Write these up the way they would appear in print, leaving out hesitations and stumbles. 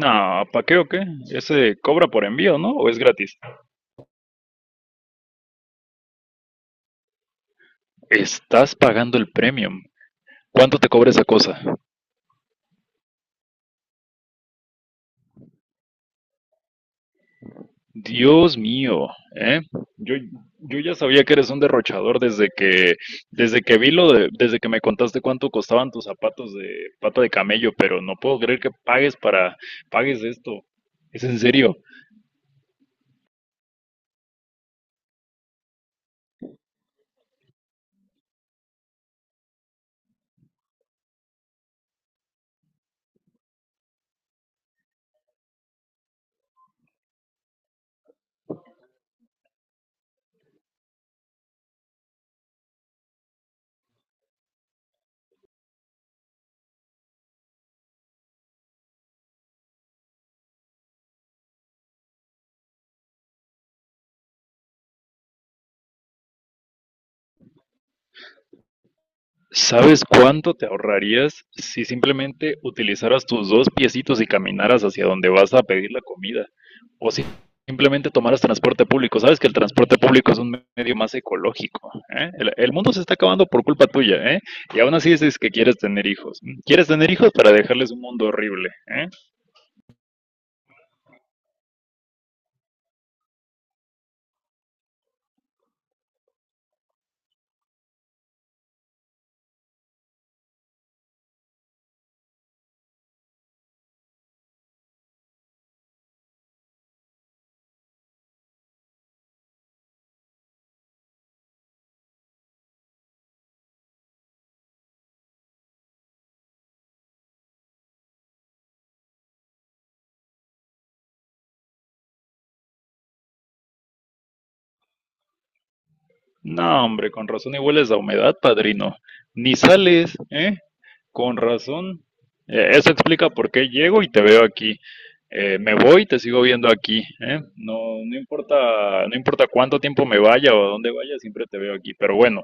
No, ¿pa' qué o qué? Ese cobra por envío, ¿no? ¿O es gratis? Estás pagando el premium. ¿Cuánto te cobra esa cosa? Dios mío, ¿eh? Yo, yo ya sabía que eres un derrochador desde que vi lo de, desde que me contaste cuánto costaban tus zapatos de pata de camello, pero no puedo creer que pagues esto. ¿Es en serio? ¿Sabes cuánto te ahorrarías si simplemente utilizaras tus dos piecitos y caminaras hacia donde vas a pedir la comida? O si simplemente tomaras transporte público. Sabes que el transporte público es un medio más ecológico, ¿eh? El mundo se está acabando por culpa tuya, ¿eh? Y aún así dices que quieres tener hijos. ¿Quieres tener hijos para dejarles un mundo horrible? ¿Eh? No, hombre, con razón y hueles a humedad, padrino. Ni sales, ¿eh? Con razón. Eso explica por qué llego y te veo aquí. Me voy y te sigo viendo aquí, ¿eh? No, no importa cuánto tiempo me vaya o a dónde vaya, siempre te veo aquí. Pero bueno,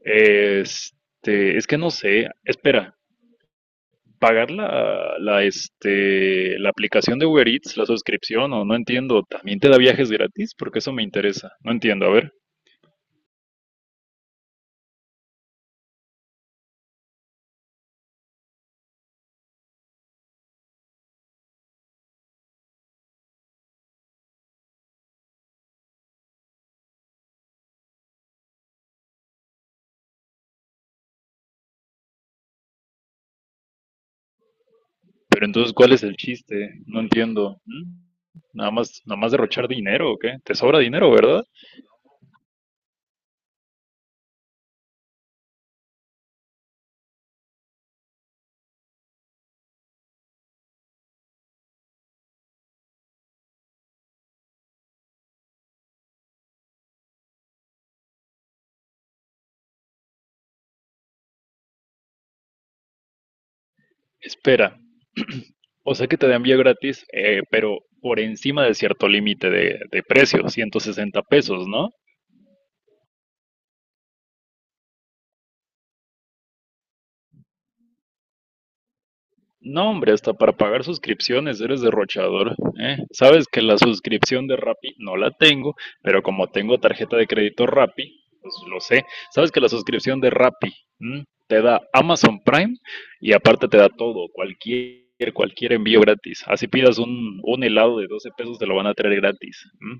este, es que no sé. Espera, pagar la aplicación de Uber Eats, la suscripción, o no entiendo. ¿También te da viajes gratis? Porque eso me interesa. No entiendo, a ver. Pero entonces, ¿cuál es el chiste? No entiendo. ¿Mm? Nada más derrochar dinero, ¿o qué? ¿Te sobra dinero, verdad? Espera, o sea que te dan envío gratis, pero por encima de cierto límite de precio, 160 pesos, ¿no? No, hombre, hasta para pagar suscripciones eres derrochador, ¿eh? Sabes que la suscripción de Rappi no la tengo, pero como tengo tarjeta de crédito Rappi, pues lo sé. Sabes que la suscripción de Rappi, ¿m?, te da Amazon Prime y aparte te da todo, cualquier envío gratis. Así pidas un helado de 12 pesos, te lo van a traer gratis. ¿M?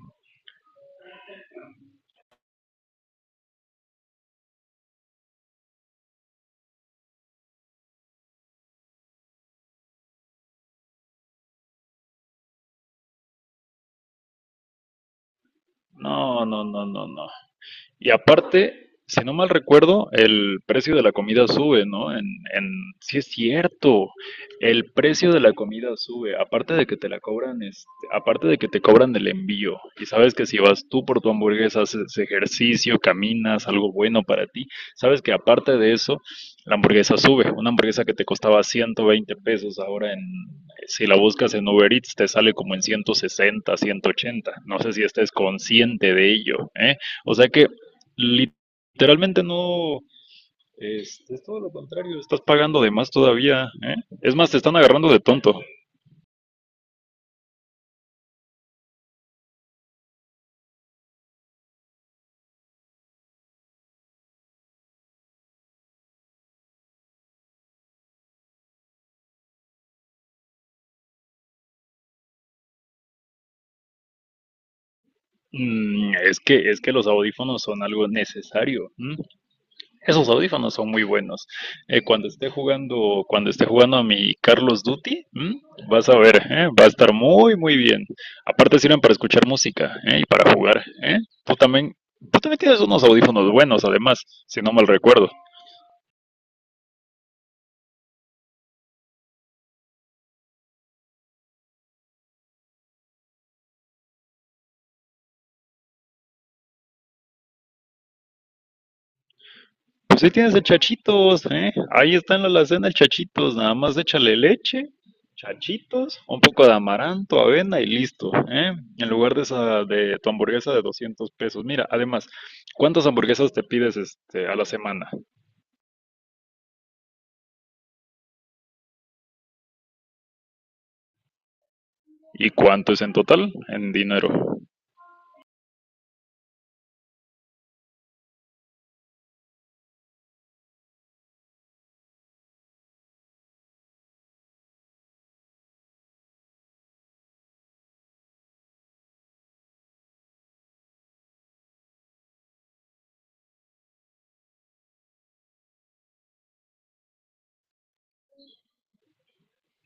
No, no, no, no, no. Y aparte, si no mal recuerdo, el precio de la comida sube, ¿no? En, sí es cierto, el precio de la comida sube, aparte de que te cobran el envío, y sabes que si vas tú por tu hamburguesa, haces ejercicio, caminas, algo bueno para ti, sabes que aparte de eso, la hamburguesa sube, una hamburguesa que te costaba 120 pesos, ahora en, si la buscas en Uber Eats, te sale como en 160, 180, no sé si estés consciente de ello, ¿eh? O sea que literalmente no, es todo lo contrario, estás pagando de más todavía, ¿eh? Es más, te están agarrando de tonto. Es que los audífonos son algo necesario. ¿M? Esos audífonos son muy buenos. Cuando esté jugando a mi Carlos Duty, ¿m?, vas a ver, ¿eh?, va a estar muy, muy bien. Aparte sirven para escuchar música, ¿eh?, y para jugar, ¿eh? Tú también, tú también tienes unos audífonos buenos, además, si no mal recuerdo. Pues ahí tienes el Chachitos, ¿eh? Ahí está en la alacena el Chachitos, nada más échale leche, Chachitos, un poco de amaranto, avena y listo, ¿eh? En lugar de esa de tu hamburguesa de 200 pesos. Mira, además, ¿cuántas hamburguesas te pides este a la semana? ¿Y cuánto es en total en dinero?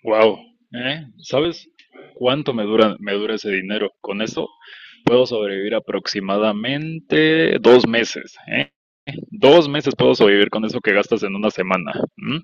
Wow, ¿eh? ¿Sabes cuánto me dura ese dinero? Con eso puedo sobrevivir aproximadamente dos meses, ¿eh? Dos meses puedo sobrevivir con eso que gastas en una semana. ¿M?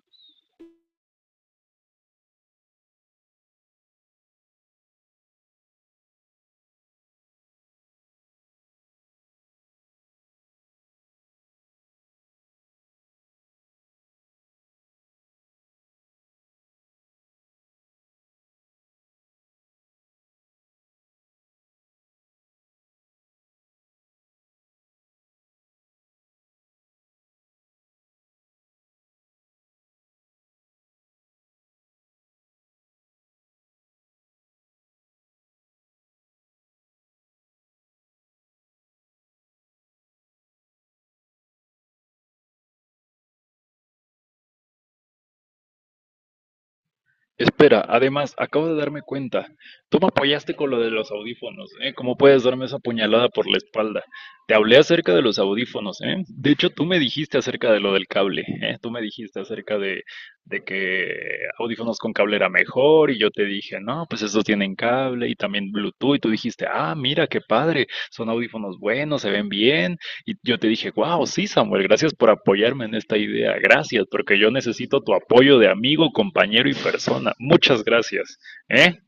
Espera, además, acabo de darme cuenta. Tú me apoyaste con lo de los audífonos, ¿eh? ¿Cómo puedes darme esa puñalada por la espalda? Te hablé acerca de los audífonos, ¿eh? De hecho, tú me dijiste acerca de lo del cable, ¿eh? Tú me dijiste acerca de que audífonos con cable era mejor y yo te dije, no, pues estos tienen cable y también Bluetooth, y tú dijiste, ah, mira, qué padre, son audífonos buenos, se ven bien, y yo te dije, wow, sí, Samuel, gracias por apoyarme en esta idea. Gracias, porque yo necesito tu apoyo de amigo, compañero y persona. Muchas gracias. ¿Eh?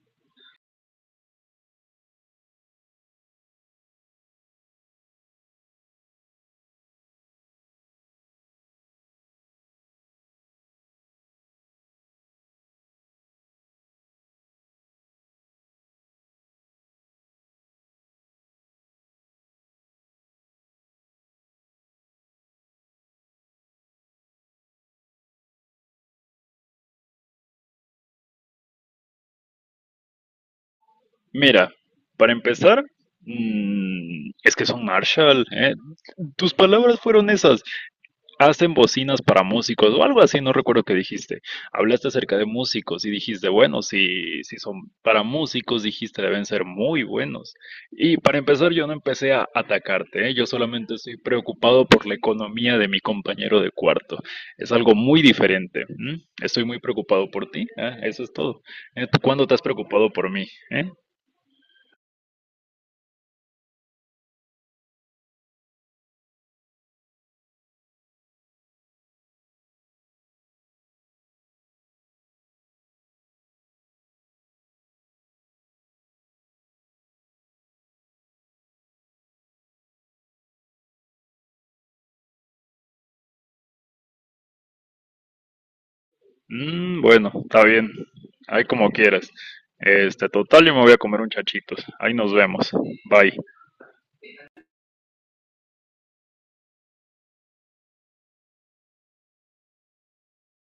Mira, para empezar, es que son Marshall, ¿eh? Tus palabras fueron esas. Hacen bocinas para músicos o algo así, no recuerdo qué dijiste. Hablaste acerca de músicos y dijiste, bueno, si son para músicos, dijiste, deben ser muy buenos. Y para empezar, yo no empecé a atacarte, ¿eh? Yo solamente estoy preocupado por la economía de mi compañero de cuarto. Es algo muy diferente. ¿M? Estoy muy preocupado por ti, ¿eh? Eso es todo. ¿Eh? ¿Tú cuándo te has preocupado por mí? ¿Eh? Mm, bueno, está bien. Ahí como quieras. Este, total, yo me voy a comer un chachitos. Ahí nos vemos. Bye.